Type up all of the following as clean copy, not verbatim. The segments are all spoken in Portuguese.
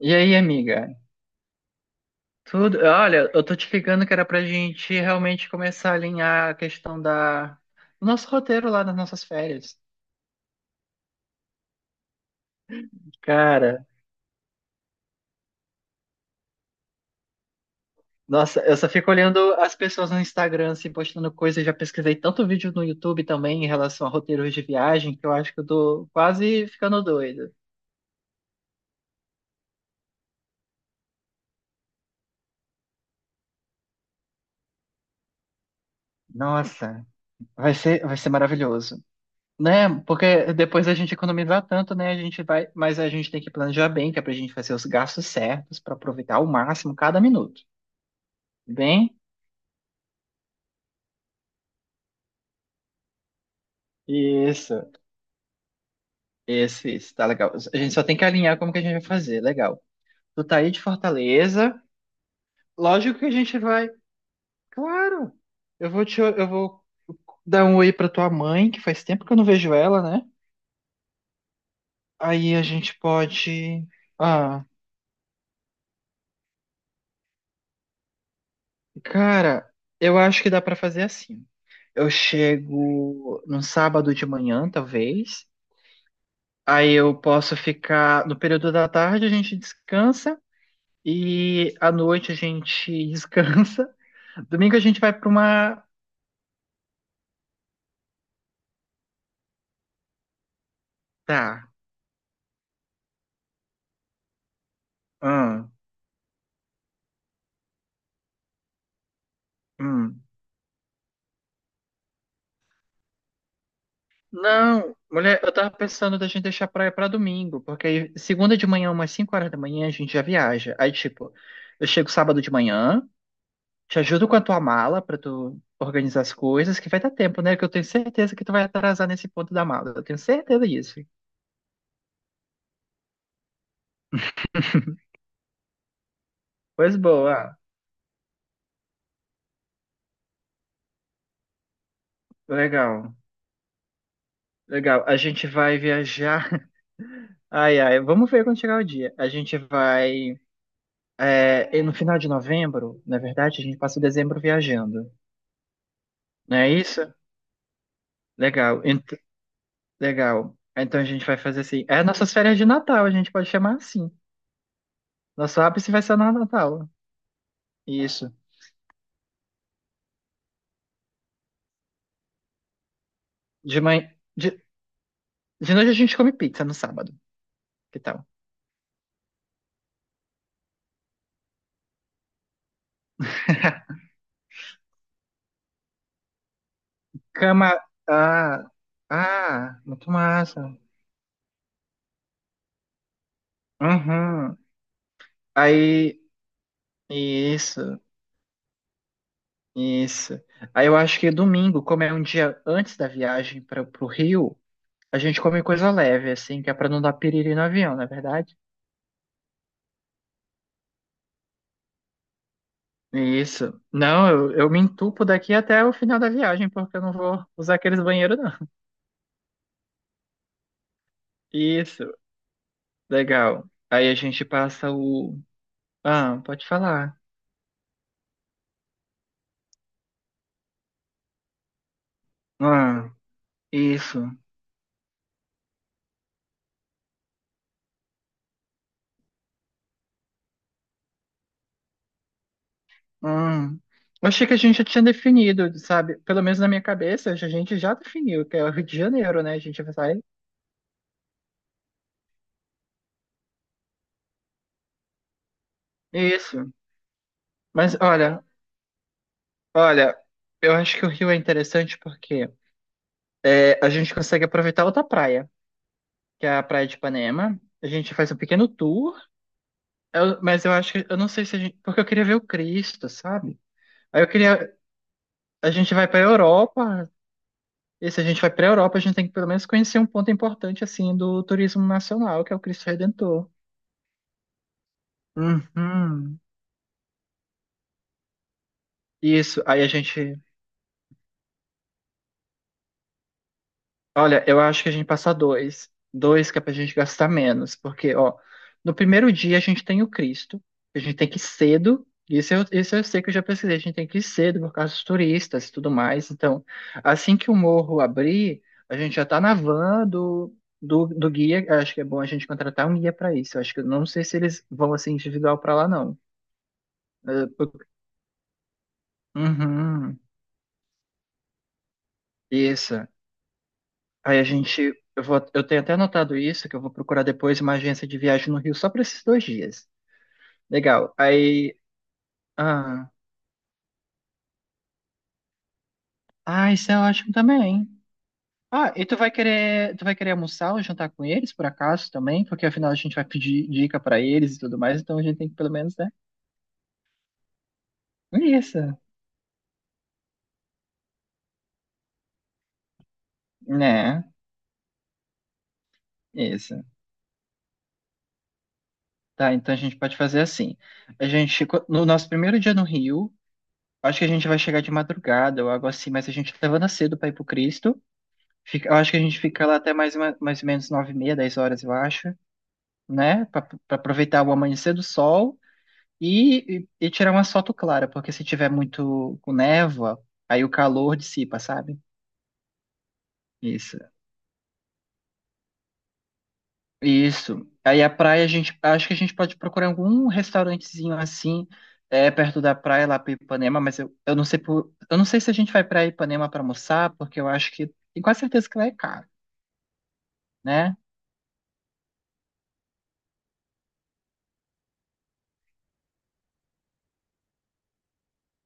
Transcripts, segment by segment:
E aí, amiga? Tudo? Olha, eu tô te ligando que era pra gente realmente começar a alinhar a questão da do nosso roteiro lá nas nossas férias. Cara, nossa, eu só fico olhando as pessoas no Instagram assim, postando coisas. Já pesquisei tanto vídeo no YouTube também em relação a roteiros de viagem que eu acho que eu tô quase ficando doido. Nossa, vai ser maravilhoso. Né? Porque depois a gente economizar tanto, né? A gente vai, mas a gente tem que planejar bem, que é pra gente fazer os gastos certos pra aproveitar ao máximo cada minuto. Bem, isso, isso, tá legal. A gente só tem que alinhar como que a gente vai fazer, legal. Tu tá aí de Fortaleza, lógico que a gente vai, claro. Eu vou dar um oi pra tua mãe, que faz tempo que eu não vejo ela, né? Aí a gente pode, ah, cara, eu acho que dá pra fazer assim. Eu chego no sábado de manhã, talvez. Aí eu posso ficar no período da tarde, a gente descansa. E à noite a gente descansa. Domingo a gente vai pra uma. Tá. Hum, hum. Não, mulher, eu tava pensando da gente deixar a praia pra domingo, porque aí segunda de manhã, umas 5h da manhã, a gente já viaja. Aí, tipo, eu chego sábado de manhã, te ajudo com a tua mala pra tu organizar as coisas, que vai dar tempo, né? Que eu tenho certeza que tu vai atrasar nesse ponto da mala. Eu tenho certeza disso. Pois boa, legal, legal. A gente vai viajar. Ai, ai, vamos ver quando chegar o dia. A gente vai. É, e no final de novembro, na verdade, a gente passa o dezembro viajando. Não é isso? Legal. Legal. Então a gente vai fazer assim. É nossas férias de Natal, a gente pode chamar assim. Nosso ápice vai ser no Natal. Isso. De manhã. De, de noite a gente come pizza no sábado. Que tal? Cama. Ah, ah, muito massa. Uhum. Aí, isso. Isso. Aí eu acho que domingo, como é um dia antes da viagem para o Rio, a gente come coisa leve, assim, que é para não dar piriri no avião, não é verdade? Isso. Não, eu me entupo daqui até o final da viagem, porque eu não vou usar aqueles banheiros, não. Isso. Legal. Aí a gente passa o. Ah, pode falar. Ah, isso. Hum. Eu achei que a gente já tinha definido, sabe? Pelo menos na minha cabeça, a gente já definiu, que é o Rio de Janeiro, né? A gente vai sair. Isso. Mas olha, eu acho que o Rio é interessante porque é, a gente consegue aproveitar outra praia, que é a Praia de Ipanema. A gente faz um pequeno tour, mas eu acho que, eu não sei se a gente, porque eu queria ver o Cristo, sabe? Aí eu queria, a gente vai pra Europa, e se a gente vai pra Europa, a gente tem que pelo menos conhecer um ponto importante, assim, do turismo nacional, que é o Cristo Redentor. Uhum. Isso, aí a gente, olha, eu acho que a gente passa dois. Dois que é pra gente gastar menos. Porque, ó, no primeiro dia a gente tem o Cristo. A gente tem que ir cedo. Isso eu sei que eu já pesquisei. A gente tem que ir cedo por causa dos turistas e tudo mais. Então, assim que o morro abrir, a gente já tá na van do guia. Eu acho que é bom a gente contratar um guia pra isso. Eu acho que eu não sei se eles vão assim individual pra lá, não. Eh, por- Uhum, isso. Aí a gente, eu vou, eu tenho até anotado isso, que eu vou procurar depois uma agência de viagem no Rio só para esses 2 dias. Legal. Aí, ah, ah, isso é ótimo também. Ah, e tu vai querer almoçar ou jantar com eles por acaso também? Porque afinal a gente vai pedir dica para eles e tudo mais, então a gente tem que pelo menos, né? Isso, né? Isso. Tá, então a gente pode fazer assim. A gente, no nosso primeiro dia no Rio, acho que a gente vai chegar de madrugada ou algo assim, mas a gente levanta cedo para ir pro Cristo. Eu acho que a gente fica lá até mais, mais ou menos 9h30, 10 horas, eu acho, né? Para aproveitar o amanhecer do sol e tirar uma foto clara, porque se tiver muito com névoa, aí o calor dissipa, sabe? Isso. Isso. Aí a praia, a gente, acho que a gente pode procurar algum restaurantezinho assim, perto da praia, lá para Ipanema, mas eu não sei eu não sei se a gente vai para Ipanema para almoçar, porque eu acho que, tenho quase certeza que lá é caro, né?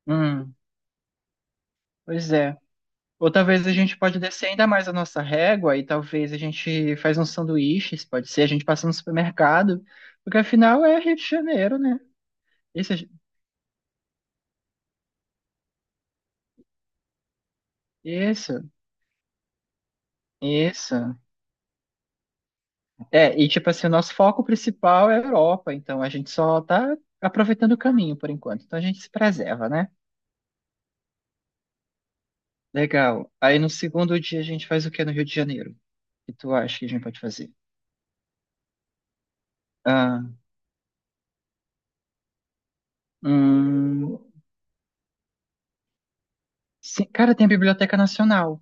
Hum, pois é. Ou talvez a gente pode descer ainda mais a nossa régua e talvez a gente faz uns sanduíches, pode ser, a gente passa no supermercado, porque afinal é Rio de Janeiro, né? Isso, isso, isso. É, e tipo assim, o nosso foco principal é a Europa, então a gente só tá aproveitando o caminho por enquanto. Então a gente se preserva, né? Legal. Aí no segundo dia a gente faz o que no Rio de Janeiro? O que tu acha que a gente pode fazer? Ah, hum, sim, cara, tem a Biblioteca Nacional.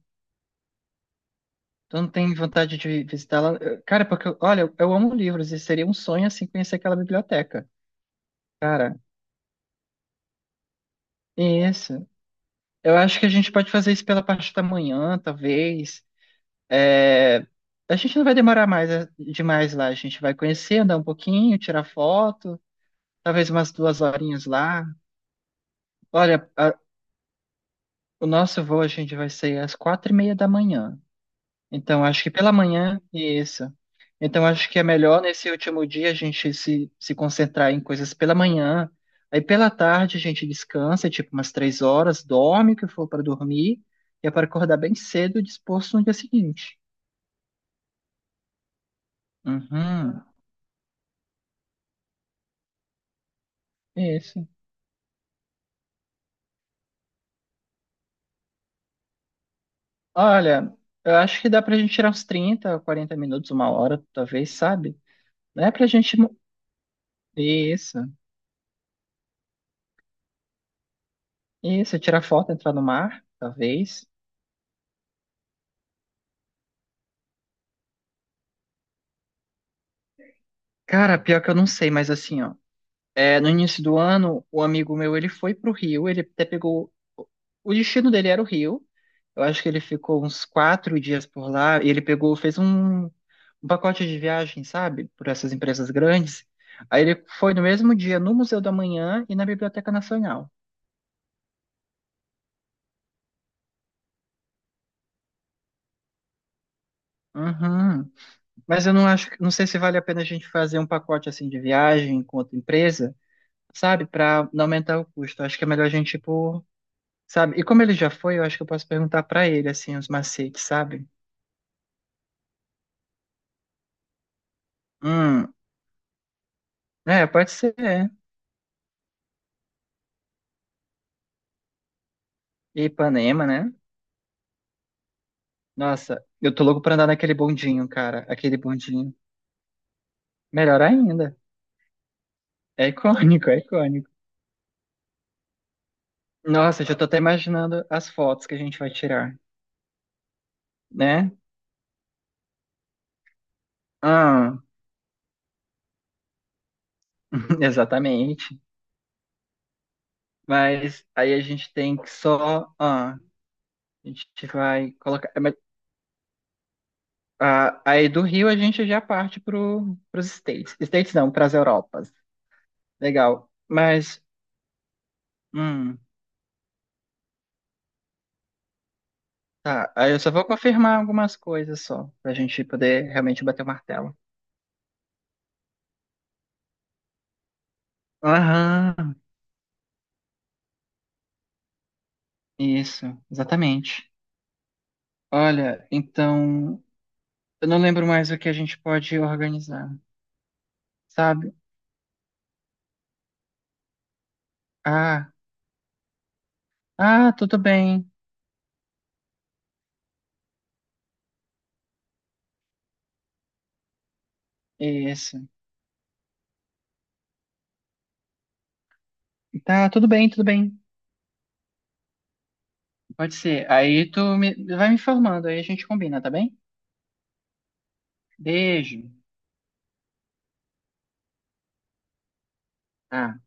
Tu não tem vontade de visitá-la? Cara, porque, olha, eu amo livros e seria um sonho, assim, conhecer aquela biblioteca. Cara, isso. Eu acho que a gente pode fazer isso pela parte da manhã, talvez. É, a gente não vai demorar mais demais lá. A gente vai conhecer, andar um pouquinho, tirar foto, talvez umas duas horinhas lá. Olha, o nosso voo a gente vai sair às 4h30 da manhã. Então, acho que pela manhã e isso. Então, acho que é melhor nesse último dia a gente se concentrar em coisas pela manhã. Aí, pela tarde, a gente descansa, tipo umas 3 horas, dorme o que for para dormir, e é para acordar bem cedo e disposto no dia seguinte. Uhum, é isso. Olha, eu acho que dá pra gente tirar uns 30, 40 minutos, uma hora, talvez, sabe? Não é pra gente. Isso, isso, tirar foto, entrar no mar, talvez. Cara, pior que eu não sei, mas assim, ó. É, no início do ano, o amigo meu, ele foi pro Rio, ele até pegou. O destino dele era o Rio. Eu acho que ele ficou uns 4 dias por lá e ele pegou, fez um pacote de viagem, sabe? Por essas empresas grandes. Aí ele foi no mesmo dia no Museu da Manhã e na Biblioteca Nacional. Uhum. Mas eu não acho, não sei se vale a pena a gente fazer um pacote assim de viagem com outra empresa, sabe? Para não aumentar o custo. Acho que é melhor a gente ir por. Sabe? E como ele já foi, eu acho que eu posso perguntar pra ele, assim, os macetes, sabe? Hum, é, pode ser, é. E Ipanema, né? Nossa, eu tô louco pra andar naquele bondinho, cara. Aquele bondinho. Melhor ainda. É icônico, é icônico. Nossa, já tô até imaginando as fotos que a gente vai tirar, né? Ah, exatamente. Mas aí a gente tem que só. Ah, a gente vai colocar. É, mas, ah, aí do Rio a gente já parte pros States. States não, pras Europas. Legal. Mas, hum, tá. Aí eu só vou confirmar algumas coisas só, pra gente poder realmente bater o martelo. Aham, isso, exatamente. Olha, então, eu não lembro mais o que a gente pode organizar, sabe? Ah, ah, tudo bem. Isso. Tá, tudo bem, tudo bem. Pode ser. Aí tu me, vai me informando, aí a gente combina, tá bem? Beijo. Tá.